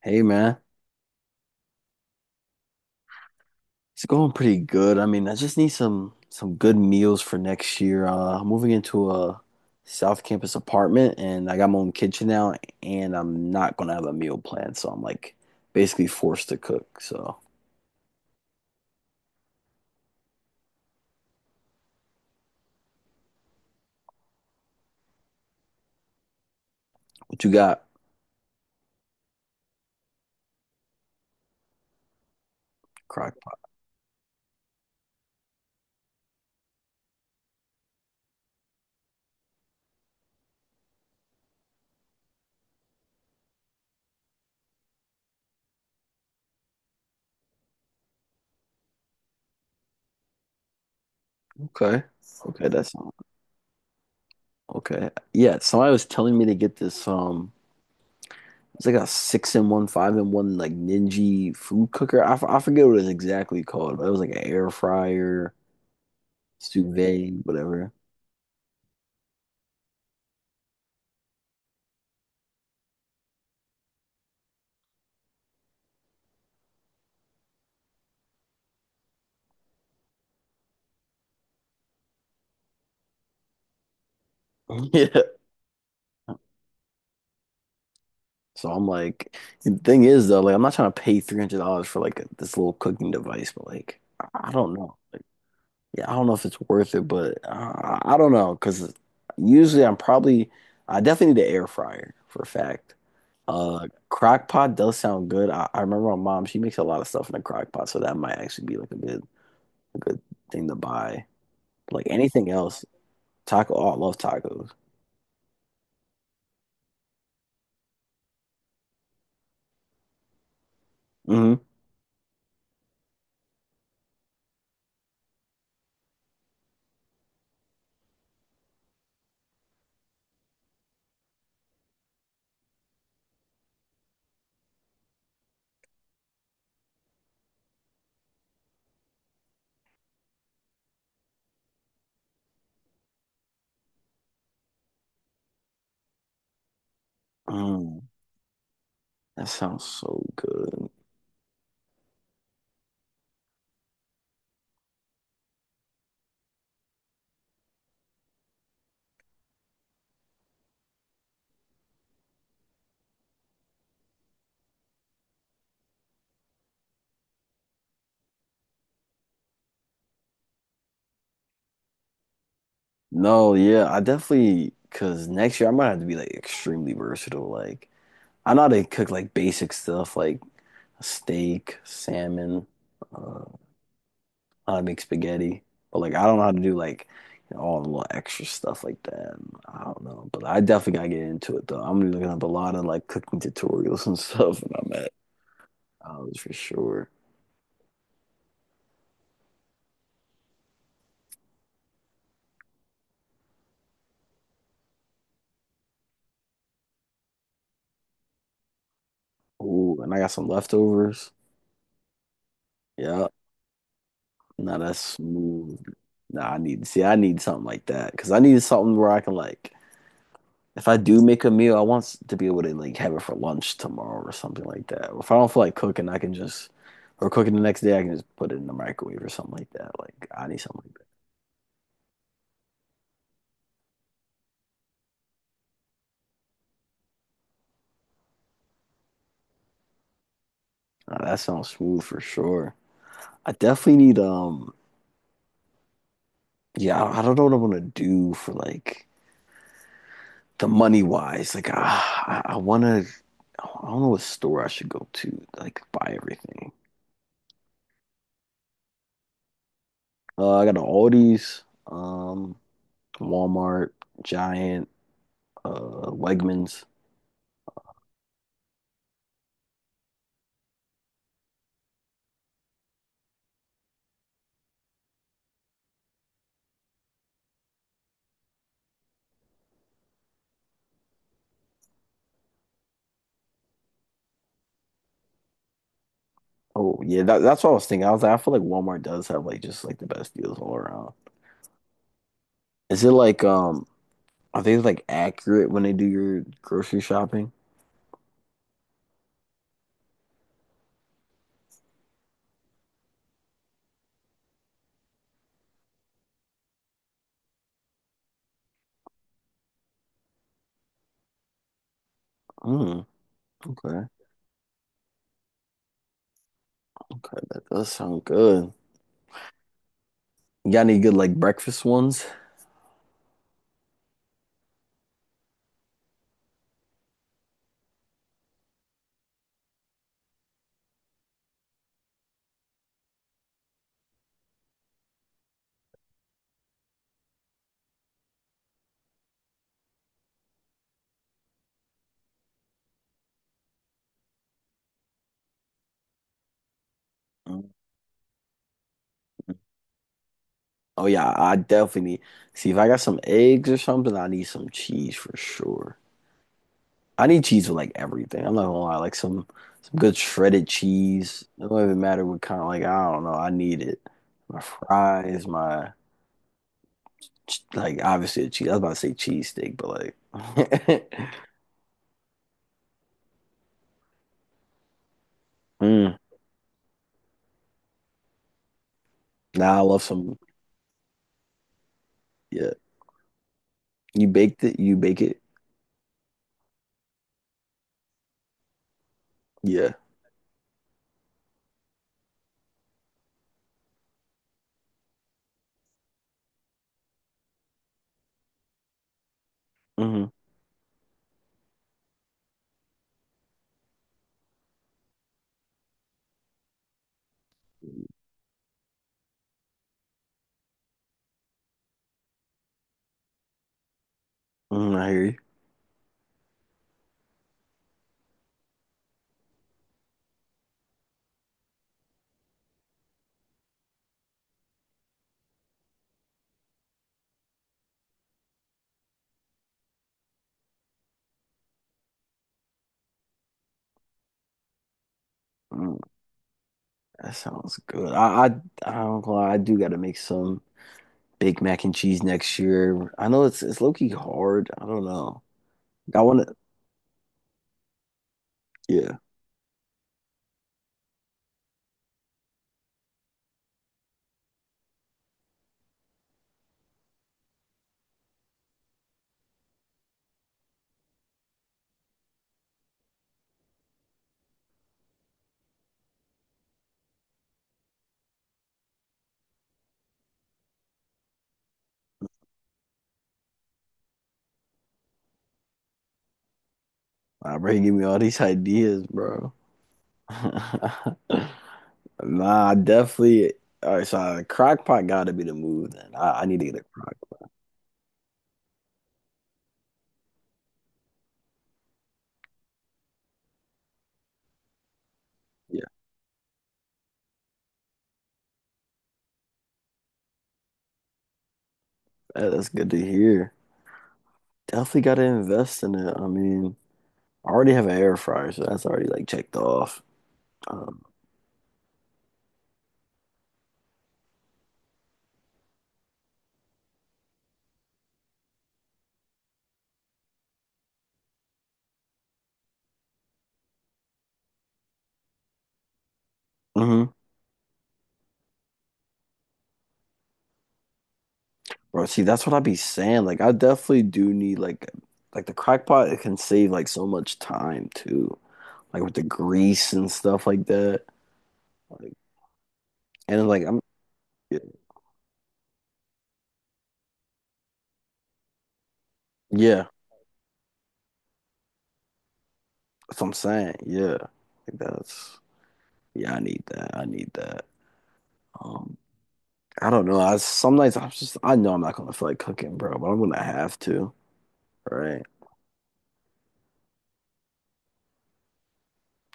Hey man, it's going pretty good. I mean, I just need some good meals for next year. I'm moving into a South Campus apartment, and I got my own kitchen now, and I'm not gonna have a meal plan, so I'm like basically forced to cook. So, what you got? Crock pot. Okay. Okay, that's okay. Yeah, somebody was telling me to get this it's like a six in one, five in one, like Ninja food cooker. I forget what it's exactly called, but it was like an air fryer, sous vide, whatever. Yeah. So I'm like, the thing is though, like I'm not trying to pay $300 for like this little cooking device, but like I don't know. Like, yeah, I don't know if it's worth it, but I don't know because usually I'm probably, I definitely need an air fryer for a fact. Crock pot does sound good. I remember my mom, she makes a lot of stuff in a crock pot, so that might actually be like a good thing to buy. Like anything else, taco, oh, I love tacos. Hmm. Mm, that sounds so good. No, yeah, I definitely because next year I might have to be like extremely versatile. Like I know how to cook like basic stuff like steak, salmon, uh, how to make spaghetti, but like I don't know how to do like you know, all the little extra stuff like that. I don't know, but I definitely gotta get into it though. I'm gonna be looking up a lot of like cooking tutorials and stuff when I'm at college for sure. Ooh, and I got some leftovers. Yeah. No, that's smooth. Nah, I need see, I need something like that because I need something where I can like, if I do make a meal, to be able to like have it for lunch tomorrow or something like that. Or if I don't feel like cooking, I can just or cooking the next day, I can just put it in the microwave or something like that. Like I need something like that. Nah, that sounds smooth for sure. I definitely need yeah, I don't know what I want to do for like the money wise. I want to, I don't know what store I should go to like buy everything. I got an Aldi's, Walmart, Giant, Wegmans. Oh yeah, that's what I was thinking. I was like, I feel like Walmart does have like just like the best deals all around. Is it like are they like accurate when they do your grocery shopping? Mm, okay, okay, that does sound good. You got any good like breakfast ones? Mm. Oh yeah, I definitely need. See if I got some eggs or something, I need some cheese for sure. I need cheese with like everything. I'm not gonna lie, like some good shredded cheese. It don't even matter what kind, like I don't know, I need it. My fries, like obviously a cheese. I was about to say cheese steak, but like mm, nah, I love some yeah. You baked it, you bake it. Yeah. Hmm. Hmm, I hear you. Mm, that sounds good. I don't gonna lie, I do gotta make some. Big Mac and cheese next year. I know it's low key hard. I don't know. I want to. Yeah, I bro, you give me all these ideas, bro. Nah, I definitely. All right, so crock pot gotta be the move. Then I need to get a crock. Yeah, that's good to hear. Definitely gotta invest in it. I mean, I already have an air fryer, so that's already like checked off. Um, hmm. Bro, see, that's what I be saying. Like, I definitely do need like the crock pot. It can save like so much time too. Like with the grease and stuff like that. Like, and like I'm, yeah, that's what I'm saying. Yeah, like that's yeah. I need that. I need that. Um, I don't know. I some nights I'm just I know I'm not gonna feel like cooking, bro, but I'm gonna have to. Right?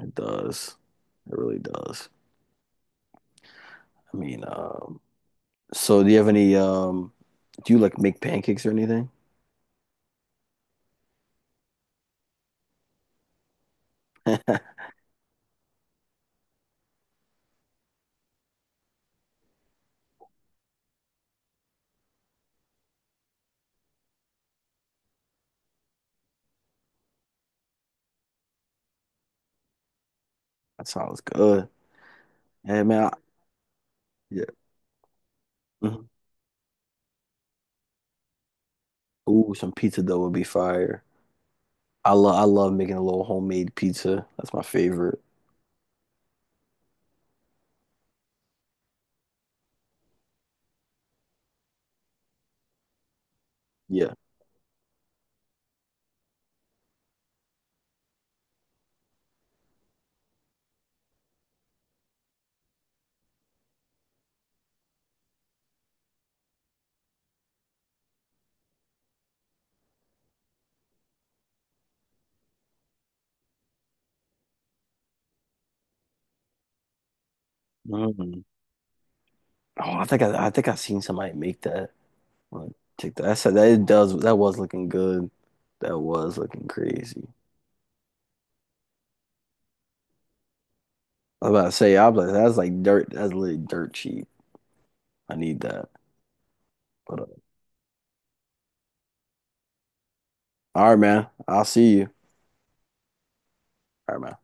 It does. It really does. I mean, so do you have any do you like make pancakes or anything? That sounds good. Hey man, I, yeah. Mhm. Ooh, some pizza dough would be fire. I love making a little homemade pizza. That's my favorite. Yeah. Mm. Oh, I think I've seen somebody make that on TikTok. I said, that it does that was looking good. That was looking crazy. I was about to say I was like that's like dirt. That's literally dirt cheap. I need that. But all right, man. I'll see you. All right, man.